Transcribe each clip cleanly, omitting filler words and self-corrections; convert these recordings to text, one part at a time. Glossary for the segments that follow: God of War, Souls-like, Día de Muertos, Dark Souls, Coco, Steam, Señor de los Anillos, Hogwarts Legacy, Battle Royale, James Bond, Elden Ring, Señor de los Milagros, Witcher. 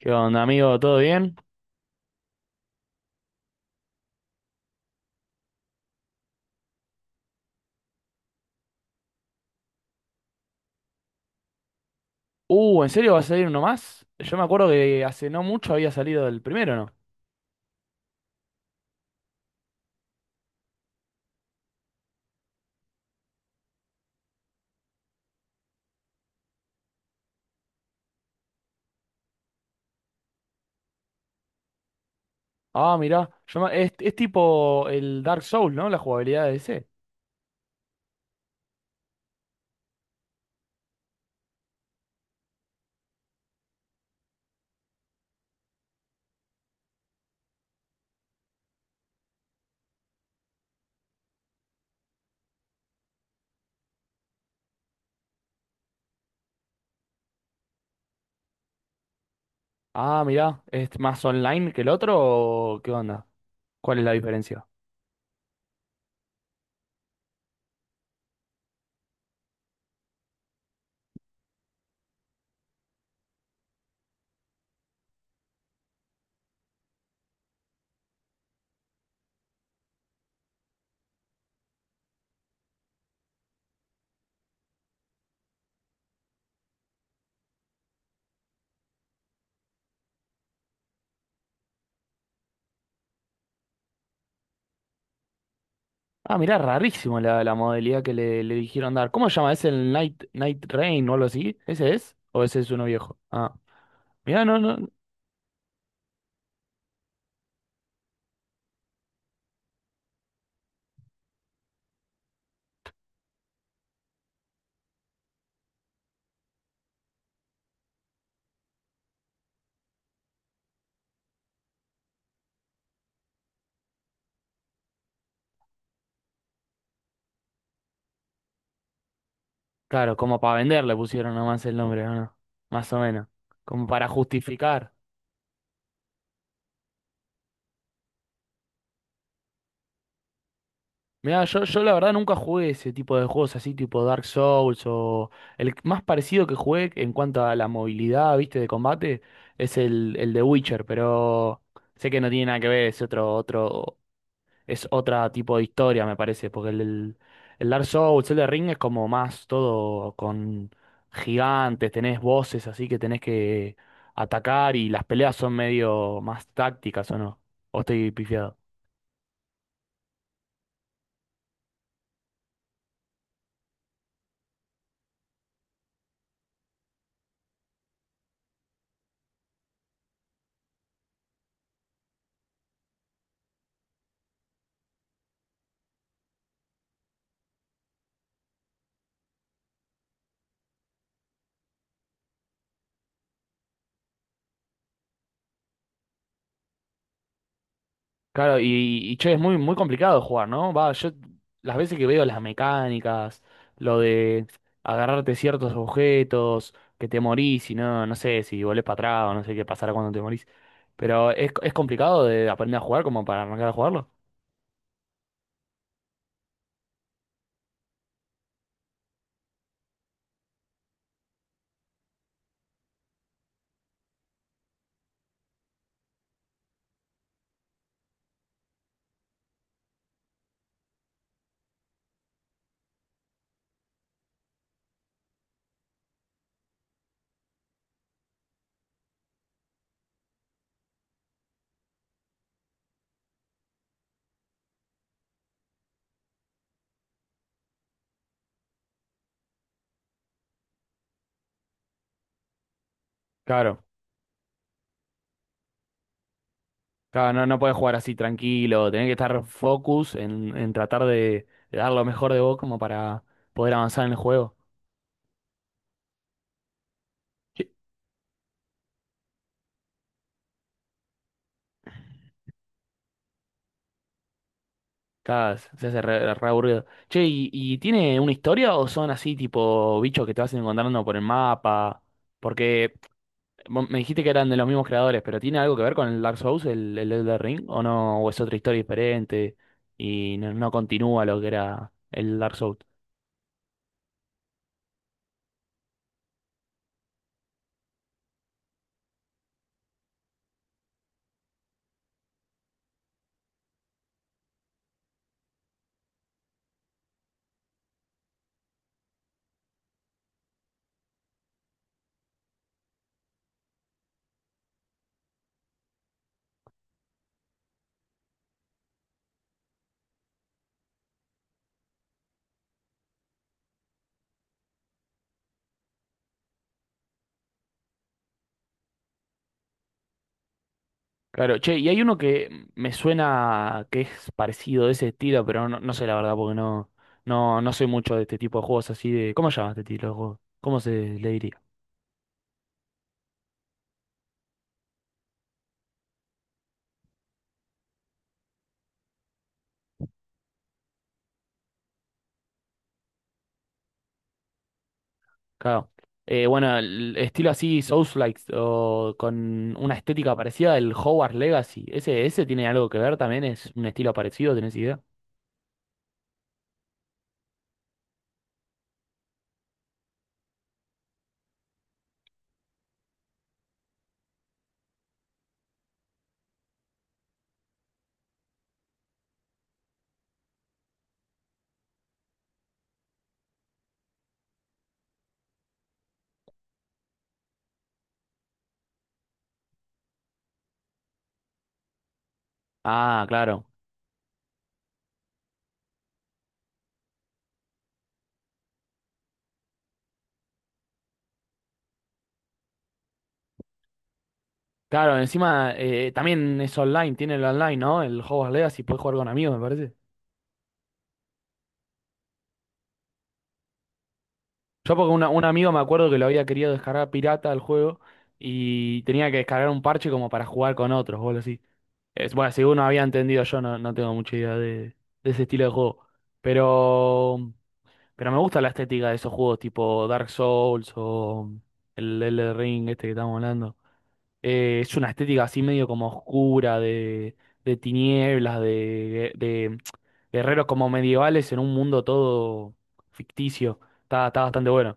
¿Qué onda, amigo? ¿Todo bien? ¿En serio va a salir uno más? Yo me acuerdo que hace no mucho había salido el primero, ¿no? Ah, mirá. Es tipo el Dark Souls, ¿no? La jugabilidad de ese. Ah, mirá. ¿Es más online que el otro o qué onda? ¿Cuál es la diferencia? Ah, mirá, rarísimo la modalidad que le dijeron dar. ¿Cómo se llama? ¿Es el Night Rain o algo así? ¿Ese es? ¿O ese es uno viejo? Ah, mirá, no, no. Claro, como para vender le pusieron nomás el nombre, ¿o no? Más o menos. Como para justificar. Mirá, yo la verdad nunca jugué ese tipo de juegos así, tipo Dark Souls o... El más parecido que jugué en cuanto a la movilidad, viste, de combate, es el de Witcher, pero sé que no tiene nada que ver, es otro, es otra tipo de historia, me parece, porque el Dark Souls, el de Ring es como más todo con gigantes, tenés voces así que tenés que atacar y las peleas son medio más tácticas, ¿o no? ¿O estoy pifiado? Claro, y che, es muy complicado jugar, ¿no? Va, yo las veces que veo las mecánicas, lo de agarrarte ciertos objetos, que te morís y no sé si volvés para atrás o no sé qué pasará cuando te morís. Pero es complicado de aprender a jugar como para arrancar a jugarlo. Claro, claro, no, no puedes jugar así tranquilo, tenés que estar focus en tratar de dar lo mejor de vos como para poder avanzar en el juego. Sí. Claro, se se hace re aburrido. Che, ¿ y tiene una historia o son así tipo bichos que te vas encontrando por el mapa? Porque vos me dijiste que eran de los mismos creadores, pero ¿tiene algo que ver con el Dark Souls, el Elden Ring? ¿O no? ¿O es otra historia diferente y no continúa lo que era el Dark Souls? Claro, che, y hay uno que me suena que es parecido de ese estilo, pero no sé la verdad, porque no soy mucho de este tipo de juegos así de. ¿Cómo se llama este tipo de juegos? ¿Cómo se le diría? Claro. Bueno, el estilo así, Souls-like, o con una estética parecida del Hogwarts Legacy. Ese tiene algo que ver también? ¿Es un estilo parecido? ¿Tenés idea? Ah, claro. Claro, encima también es online, tiene el online, ¿no? El Hogwarts Legacy, puedes jugar con amigos, me parece. Yo porque un amigo me acuerdo que lo había querido descargar pirata al juego y tenía que descargar un parche como para jugar con otros, o algo así. Es, bueno, según no había entendido yo, no, no tengo mucha idea de ese estilo de juego. Pero, pero me gusta la estética de esos juegos tipo Dark Souls o el Elden Ring, este que estamos hablando. Es una estética así medio como oscura, de tinieblas, de guerreros como medievales en un mundo todo ficticio. Está, está bastante bueno.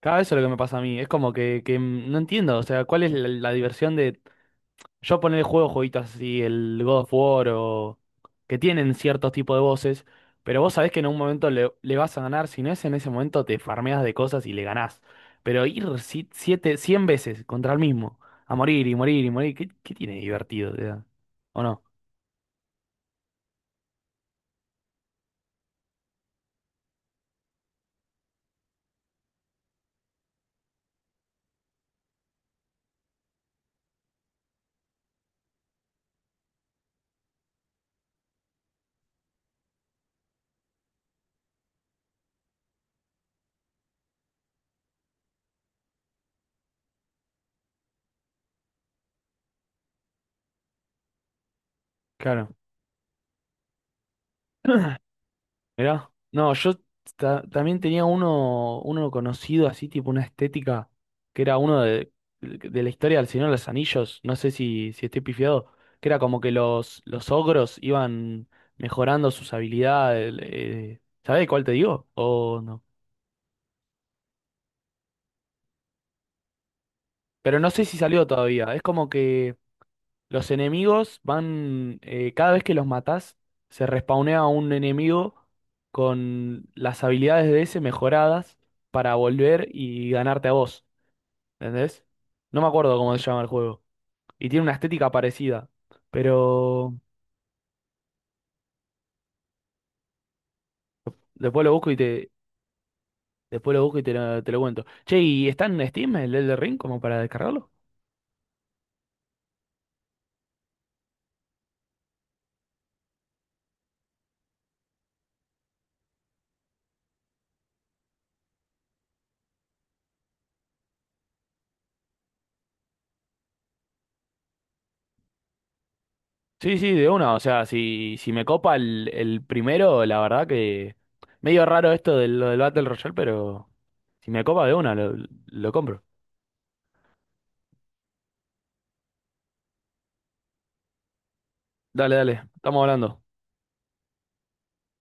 Cada vez es lo que me pasa a mí. Es como que no entiendo. O sea, ¿cuál es la diversión de yo poner el juego jueguitos así, el God of War o que tienen ciertos tipos de voces, pero vos sabés que en un momento le vas a ganar. Si no es en ese momento, te farmeas de cosas y le ganás. Pero ir siete, cien veces contra el mismo, a morir y morir y morir, ¿qué, qué tiene de divertido? O sea, ¿o no? Claro. Mirá, no, también tenía uno conocido así, tipo una estética, que era uno de la historia del Señor de los Anillos, no sé si, si estoy pifiado, que era como que los ogros iban mejorando sus habilidades, ¿sabés cuál te digo? O no. Pero no sé si salió todavía, es como que los enemigos van, cada vez que los matás, se respawnea un enemigo con las habilidades de ese mejoradas para volver y ganarte a vos, ¿entendés? No me acuerdo cómo se llama el juego. Y tiene una estética parecida, pero después lo busco y te, después lo busco y te te lo cuento. Che, ¿y está en Steam el Elden Ring como para descargarlo? Sí, sí, de una, o sea, si me copa el primero, la verdad que medio raro esto de lo del Battle Royale, pero... Si me copa de una, lo compro. Dale, dale, estamos hablando.